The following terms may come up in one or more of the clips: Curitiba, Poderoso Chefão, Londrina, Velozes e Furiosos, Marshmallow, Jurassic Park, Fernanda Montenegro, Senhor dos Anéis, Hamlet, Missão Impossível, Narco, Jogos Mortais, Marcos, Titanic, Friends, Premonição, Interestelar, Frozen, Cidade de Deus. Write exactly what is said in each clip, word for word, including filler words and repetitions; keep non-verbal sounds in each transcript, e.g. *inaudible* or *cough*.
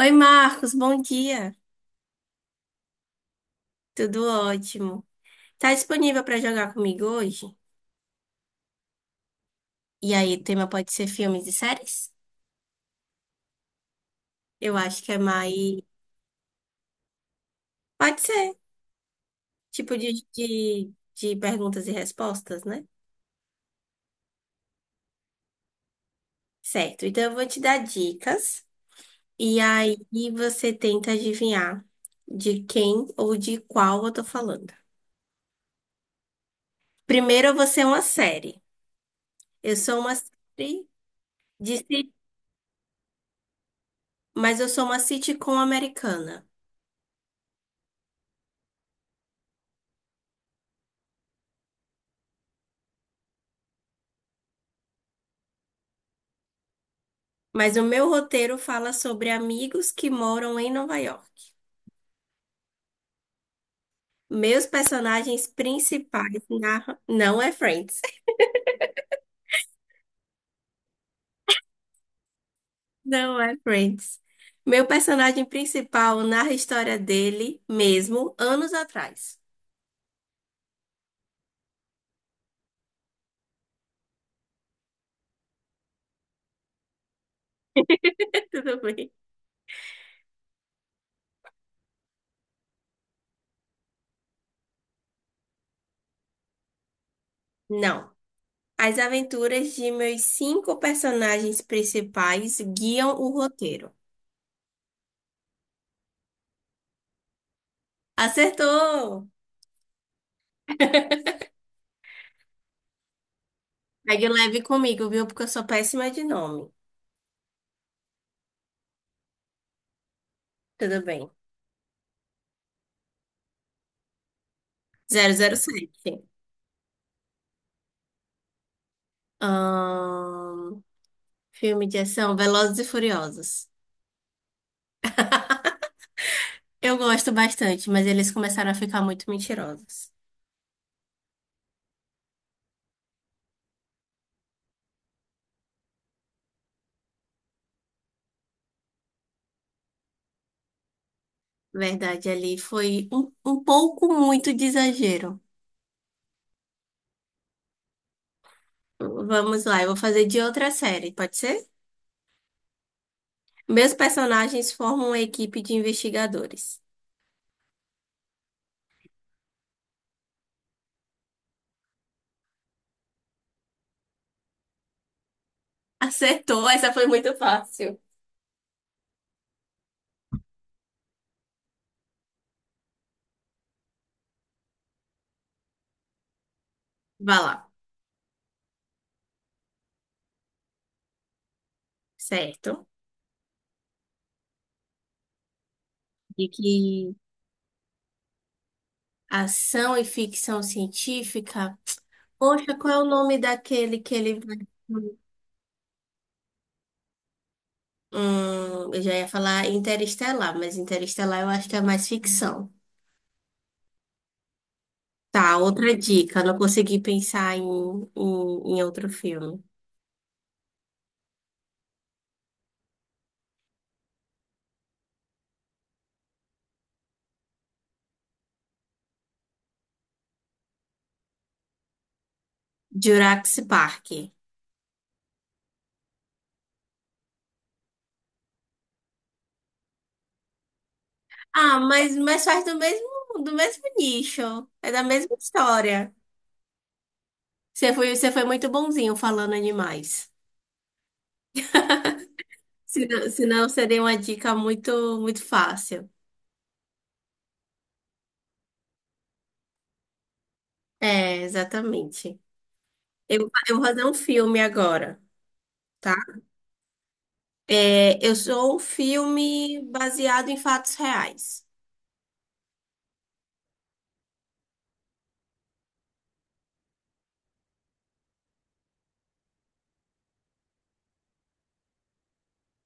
Oi, Marcos, bom dia. Tudo ótimo. Tá disponível para jogar comigo hoje? E aí, o tema pode ser filmes e séries? Eu acho que é mais. Pode ser. Tipo de, de, de perguntas e respostas, né? Certo. Então, eu vou te dar dicas. E aí, você tenta adivinhar de quem ou de qual eu tô falando. Primeiro, eu vou ser uma série. Eu sou uma série de. sit- Mas eu sou uma sitcom americana. Mas o meu roteiro fala sobre amigos que moram em Nova York. Meus personagens principais narram. Não é Friends. *laughs* Não é Friends. Meu personagem principal narra a história dele mesmo, anos atrás. *laughs* Tudo bem? Não. As aventuras de meus cinco personagens principais guiam o roteiro. Acertou! *laughs* Pegue leve comigo, viu? Porque eu sou péssima de nome. Tudo bem. Zero zero sete. Ahn, Filme de ação, Velozes e Furiosos. Eu gosto bastante, mas eles começaram a ficar muito mentirosos. Verdade, ali foi um, um pouco muito de exagero. Vamos lá, eu vou fazer de outra série, pode ser? Meus personagens formam uma equipe de investigadores. *laughs* Acertou, essa foi muito fácil. Vá lá, certo? De que Ação e ficção científica. Poxa, qual é o nome daquele que ele vai. Hum, eu já ia falar Interestelar, mas Interestelar eu acho que é mais ficção. Tá, outra dica. Não consegui pensar em, em, em outro filme. Jurassic Park. Ah, mas, mas faz do mesmo, do mesmo nicho. É da mesma história. Você foi, você foi muito bonzinho falando animais. *laughs* Senão, senão seria uma dica muito, muito fácil. É, exatamente. Eu, eu vou fazer um filme agora, tá? É, eu sou um filme baseado em fatos reais.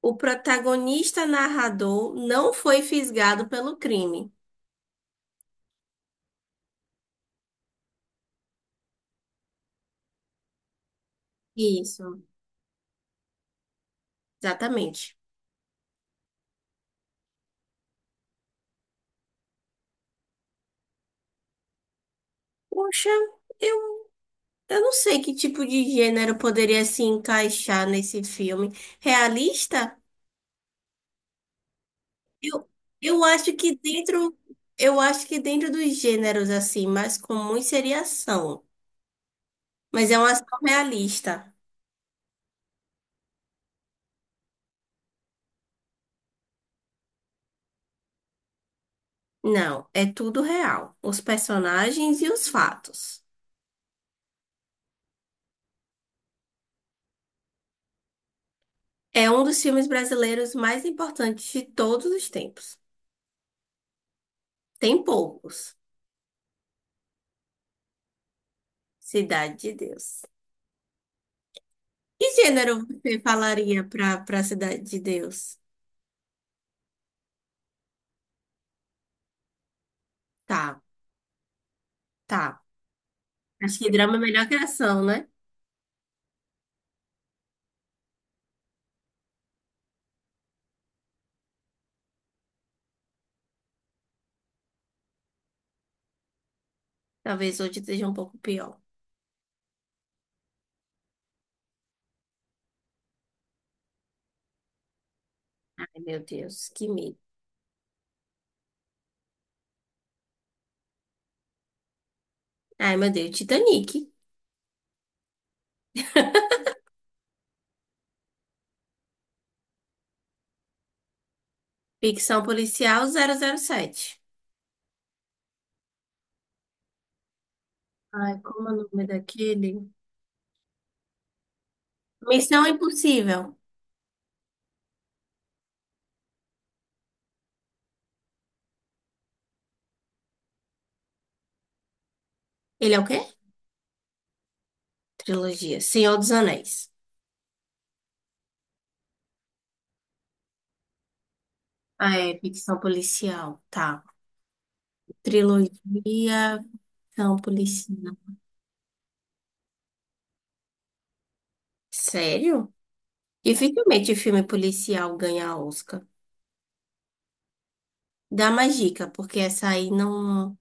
O protagonista narrador não foi fisgado pelo crime. Isso, exatamente. Poxa, eu, eu não sei que tipo de gênero poderia se encaixar nesse filme. Realista? Eu, eu acho que dentro, eu acho que dentro dos gêneros assim, mais comum seria ação. Mas é uma ação realista. Não, é tudo real. Os personagens e os fatos. É um dos filmes brasileiros mais importantes de todos os tempos. Tem poucos. Cidade de Deus. Que gênero você falaria pra, pra Cidade de Deus? Tá, tá. Acho que drama é melhor que ação, né? Talvez hoje esteja um pouco pior. Ai, meu Deus, que medo. Ai, meu Deus, Titanic. *laughs* Ficção policial zero zero sete. Ai, como é o nome daquele? Missão Impossível. Ele é o quê? Trilogia. Senhor dos Anéis. Ah, é ficção policial. Tá. Trilogia, são policial. Sério? Dificilmente filme policial ganha Oscar. Dá mais dica, porque essa aí não,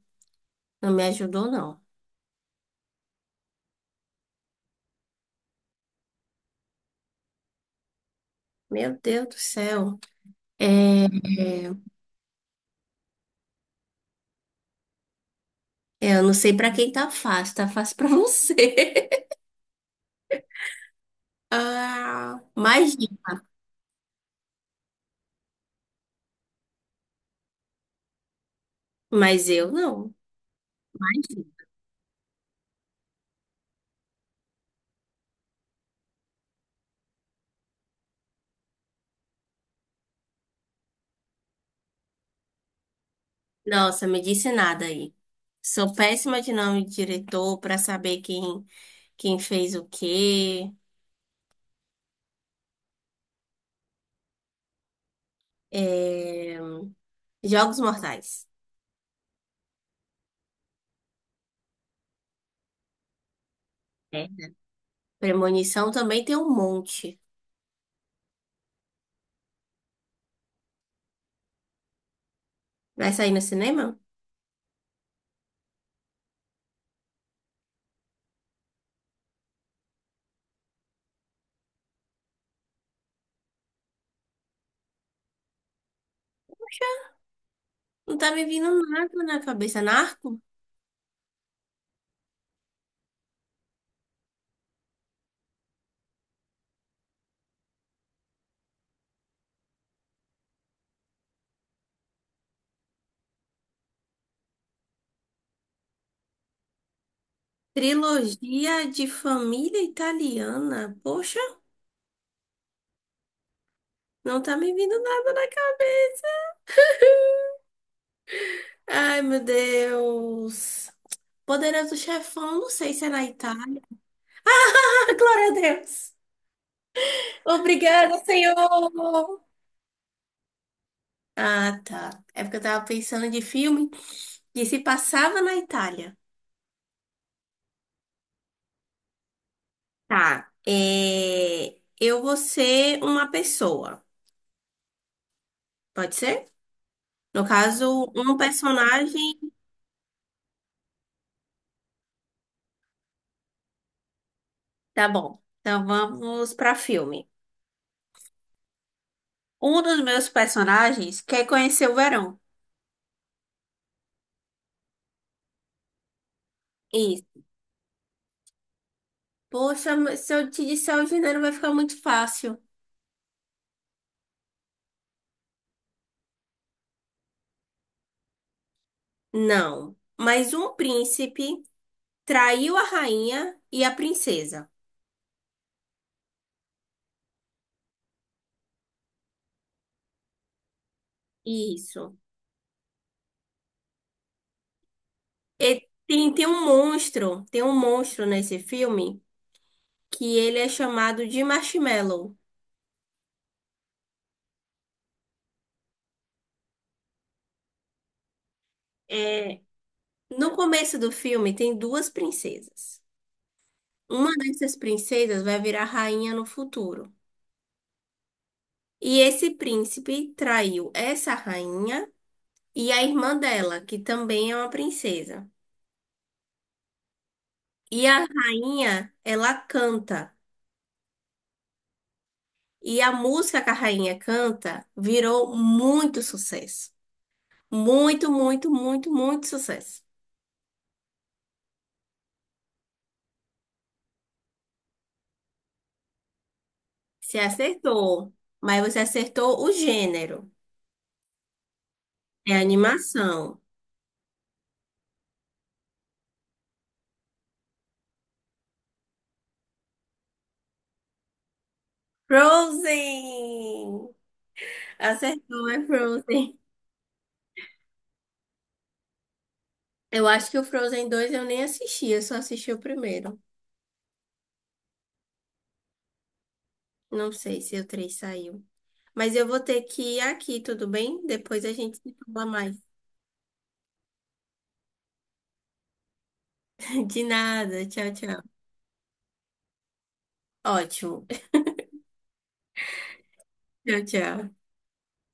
não me ajudou, não. Meu Deus do céu. É, é, é, eu não sei pra quem tá fácil, tá fácil pra você. *laughs* Ah, mais dica. Mas eu não. Mais dica. Nossa, me disse nada aí. Sou péssima de nome de diretor pra saber quem, quem fez o quê. É, Jogos Mortais. É. Premonição também tem um monte. Vai sair no cinema? Não tá me vindo nada na cabeça. Narco? Trilogia de família italiana. Poxa, não tá me vindo nada na cabeça. Ai, meu Deus. Poderoso Chefão, não sei se é na Itália. *laughs* Ah, glória a Deus. Obrigada, Senhor. Ah, tá. É porque eu tava pensando de filme que se passava na Itália. Tá. É... Eu vou ser uma pessoa. Pode ser? No caso, um personagem. Tá bom. Então vamos pra filme. Um dos meus personagens quer conhecer o verão. Isso. Poxa, mas se eu te disser o gênero, vai ficar muito fácil. Não. Mas um príncipe traiu a rainha e a princesa. Isso. E tem, tem um monstro. Tem um monstro nesse filme que ele é chamado de Marshmallow. É, no começo do filme, tem duas princesas. Uma dessas princesas vai virar rainha no futuro. E esse príncipe traiu essa rainha e a irmã dela, que também é uma princesa. E a rainha, ela canta. E a música que a rainha canta virou muito sucesso. Muito, muito, muito, muito sucesso. Você acertou, mas você acertou o gênero. É animação. Frozen! Acertou, é Frozen. Eu acho que o Frozen dois eu nem assisti, eu só assisti o primeiro. Não sei se o três saiu. Mas eu vou ter que ir aqui, tudo bem? Depois a gente se fala mais. *laughs* De nada, tchau, tchau. Ótimo. *laughs* Tchau, tchau.